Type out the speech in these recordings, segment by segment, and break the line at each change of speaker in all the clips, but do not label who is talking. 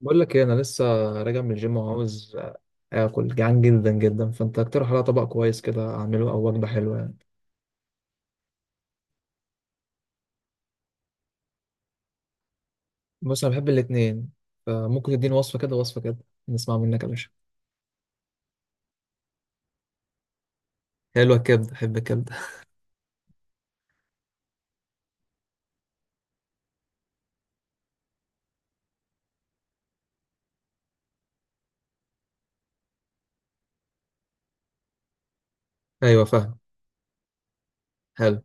بقول لك ايه، انا لسه راجع من الجيم وعاوز اكل. جعان جدا جدا، فانت اقترح عليا طبق كويس كده اعمله او وجبه حلوه يعني. بص انا بحب الاتنين، فممكن تديني وصفه كده وصفه كده. نسمع منك يا باشا. حلوه الكبده، بحب الكبده. ايوه فاهم. حلو.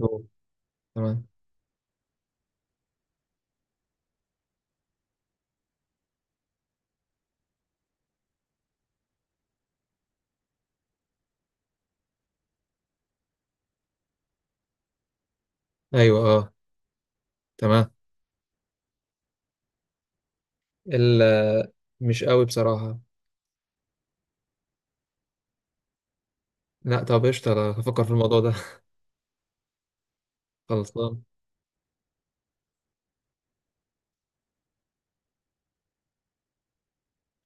أوه. تمام. ايوه اه. تمام. ال مش قوي بصراحه. لا طب قشطه، أنا هفكر في الموضوع ده. خلصان.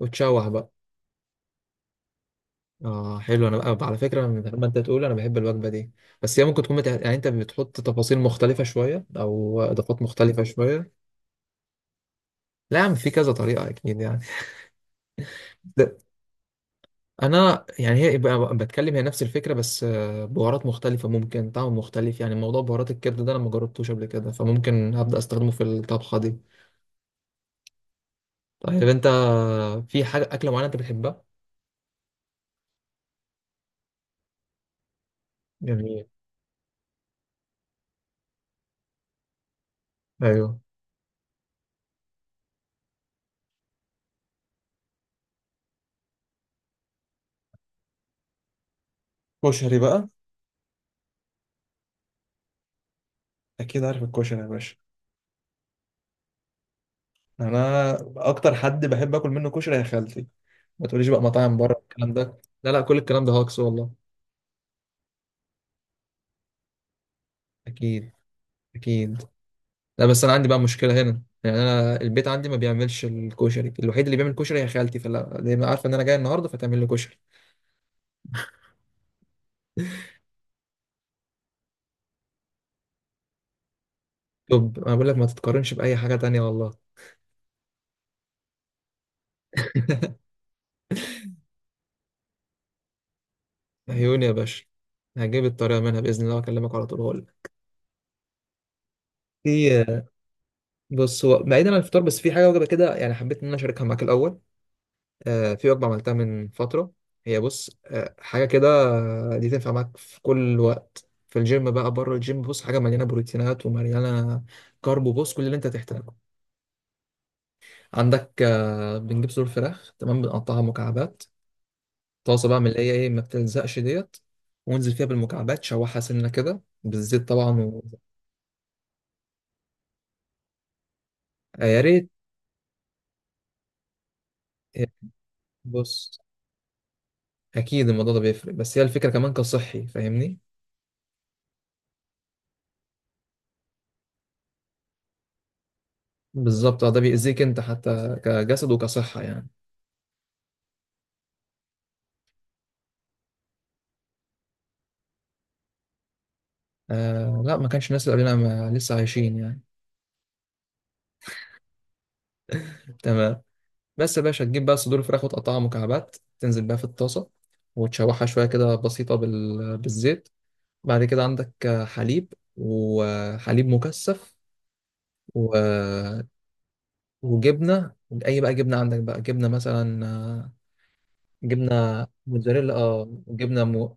وتشوح بقى. اه حلو، انا بقى على فكره من غير ما انت تقول انا بحب الوجبه دي. بس هي ممكن تكون يعني انت بتحط تفاصيل مختلفه شويه او اضافات مختلفه شويه. لا يا عم، في كذا طريقه اكيد يعني. ده- انا يعني هي بقى بتكلم، هي نفس الفكره، بس بهارات مختلفه ممكن طعم مختلف. يعني موضوع بهارات الكبده ده انا ما جربتوش قبل كده، فممكن هبدا استخدمه في الطبخه دي. طيب انت، في حاجه اكله معينه انت بتحبها؟ جميل. ايوه. كشري بقى. اكيد عارف الكشري يا باشا. انا اكتر حد بحب اكل منه كشري هي خالتي. ما تقوليش بقى مطاعم بره، الكلام ده لا لا، كل الكلام ده هاكس والله. اكيد اكيد. لا بس انا عندي بقى مشكله هنا. يعني انا البيت عندي ما بيعملش الكشري، الوحيد اللي بيعمل كشري هي خالتي، فلا دي ما عارفه ان انا جاي النهارده فتعمل لي كشري. طب انا بقول لك ما تتقارنش باي حاجه تانية والله. عيوني يا باشا. هجيب الطريقه منها باذن الله واكلمك على طول هقول لك. في. بص هو بعيدا عن الفطار، بس في حاجه وجبه كده، يعني حبيت ان انا اشاركها معاك الاول. في وجبة عملتها من فترة. هي بص، حاجة كده. دي تنفع معاك في كل وقت، في الجيم بقى بره الجيم. بص حاجة مليانة بروتينات ومليانة كارب، وبص كل اللي انت تحتاجه. عندك بنجيب صدور فراخ، تمام، بنقطعها مكعبات. طاسة بقى من اللي هي ايه، ما بتلزقش ديت. وانزل فيها بالمكعبات، شوحها سنة كده بالزيت طبعا و... يا ريت. آه، بص، اكيد الموضوع ده بيفرق، بس هي الفكرة كمان كصحي فاهمني. بالظبط، ده بيأذيك انت حتى كجسد وكصحة يعني. آه لا، ما كانش الناس اللي قبلنا لسه عايشين يعني. تمام. بس يا باشا، تجيب بقى صدور فراخ وتقطعها مكعبات، تنزل بقى في الطاسة، وتشوحها شوية كده بسيطة بالزيت. بعد كده عندك حليب وحليب مكثف و... وجبنة. أي بقى جبنة، عندك بقى جبنة مثلا جبنة موتزاريلا. اه جبنة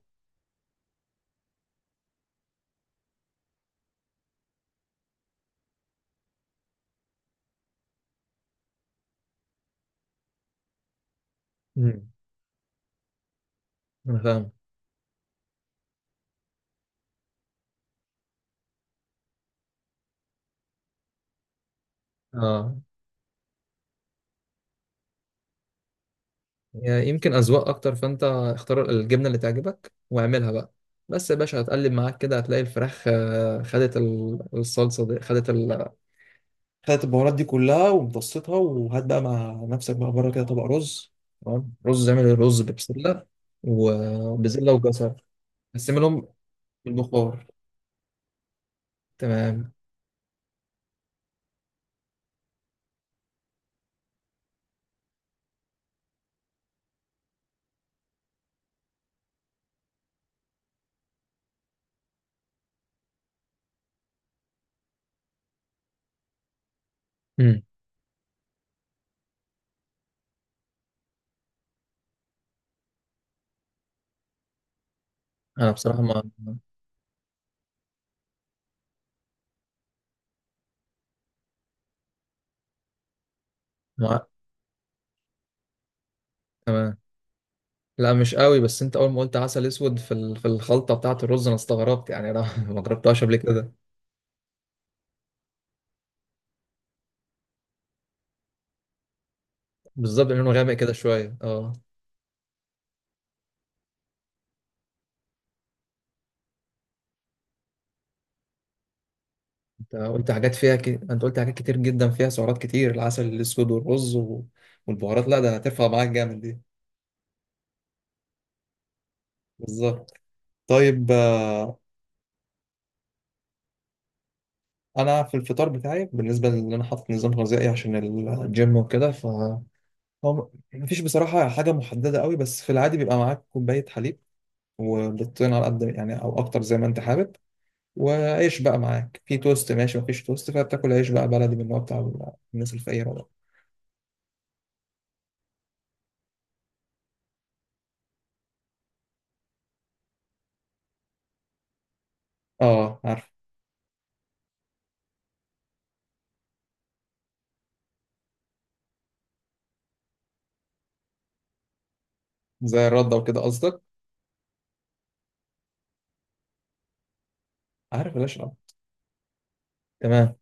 مم. أنا فاهم. اه. يعني يمكن أذواق أكتر، فأنت اختار الجبنة اللي تعجبك واعملها بقى. بس يا باشا، هتقلب معاك كده هتلاقي الفراخ خدت الصلصة دي، خدت خدت البهارات دي كلها ومتصيتها. وهات بقى مع نفسك بقى بره كده طبق رز. تمام رز، اعمل رز ببسلة وبزلة وجزر، قسمهم بالبخار. تمام. مم. أنا بصراحة ما تمام. لا مش قوي، بس انت اول ما قلت عسل اسود في في الخلطه بتاعه الرز، انا استغربت. يعني انا ما جربتهاش قبل كده. بالظبط، لونه غامق كده شويه اه. انت قلت حاجات فيها انت قلت حاجات كتير جدا فيها سعرات كتير. العسل الاسود والرز و... والبهارات، لا ده هترفع معاك جامد دي. بالظبط. طيب انا في الفطار بتاعي، بالنسبه لان انا حاطط نظام غذائي عشان الجيم وكده ف... هو مفيش بصراحه حاجه محدده قوي، بس في العادي بيبقى معاك كوبايه حليب وبيضتين على قد يعني او اكتر زي ما انت حابب. وعيش بقى معاك في توست، ماشي مفيش توست فبتاكل عيش بقى بلدي من النوع بتاع الناس الفقيره ده. اه زي الردة وكده قصدك. عارف ليش اه. تمام.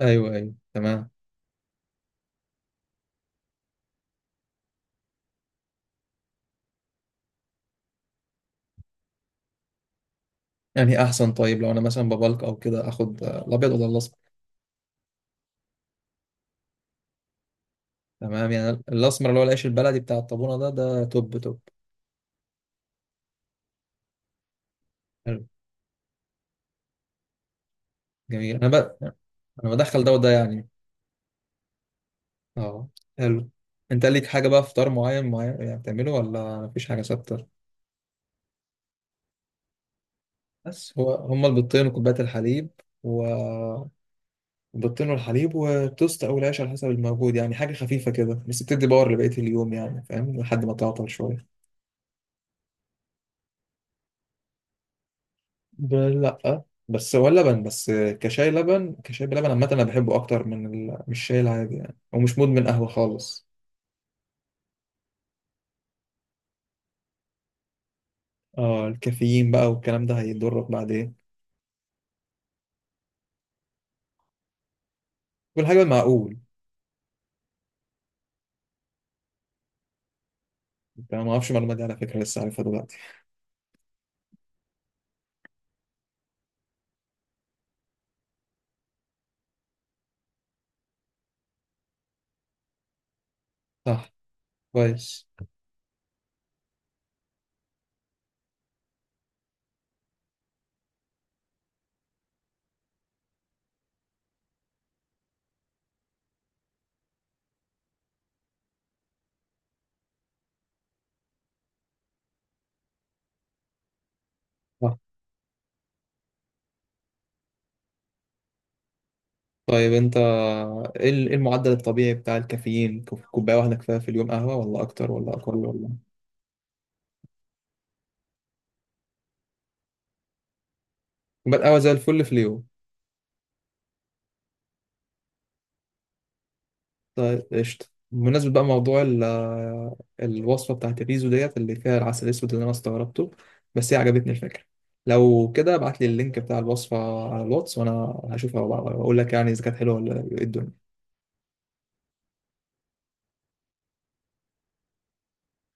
ايوه ايوه تمام. يعني إيه احسن؟ طيب لو انا مثلا ببلك او كده، اخد الابيض ولا الاسمر؟ تمام، يعني الاسمر اللي هو العيش البلدي بتاع الطابونة ده، ده توب توب. حلو. جميل. انا بقى انا بدخل ده وده يعني. اه حلو. انت ليك حاجة بقى فطار معين معين يعني بتعمله ولا مفيش حاجة ثابتة؟ بس هو هما البيضتين وكوباية الحليب، و البيضتين والحليب وتوست او العيش على حسب الموجود، يعني حاجه خفيفه كده بس بتدي باور لبقيه اليوم، يعني فاهم، لحد ما تعطل شويه. لا، بس هو اللبن بس كشاي، لبن كشاي، بلبن عامة أنا بحبه أكتر من مش الشاي العادي يعني، ومش مدمن قهوة خالص. اه الكافيين بقى والكلام ده هيضرك بعدين. والحاجة المعقول، أنت ما أعرفش المعلومة دي على فكرة، لسه عارفها دلوقتي. صح. كويس. صح. طيب أنت، إيه إيه المعدل الطبيعي بتاع الكافيين؟ كوباية واحدة كفاية في اليوم قهوة؟ ولا أكتر ولا أقل ولا؟ كوباية قهوة زي الفل في اليوم. طيب قشطة. بمناسبة بقى موضوع الوصفة بتاعت الريزو ديت اللي فيها العسل الأسود اللي أنا استغربته، بس هي عجبتني الفكرة. لو كده ابعت لي اللينك بتاع الوصفة على الواتس، وأنا هشوفها وأقول لك يعني إذا كانت حلوة ولا إيه الدنيا.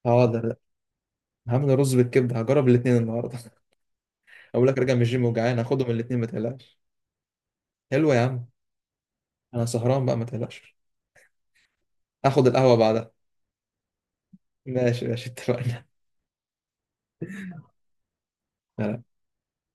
هقدر. هعمل رز بالكبدة، هجرب الاتنين النهاردة. أقول لك راجع من الجيم وجعان، هاخدهم الاتنين ما تقلقش. حلوة يا عم. أنا سهران بقى ما تقلقش. هاخد القهوة بعدها. ماشي ماشي اتفقنا.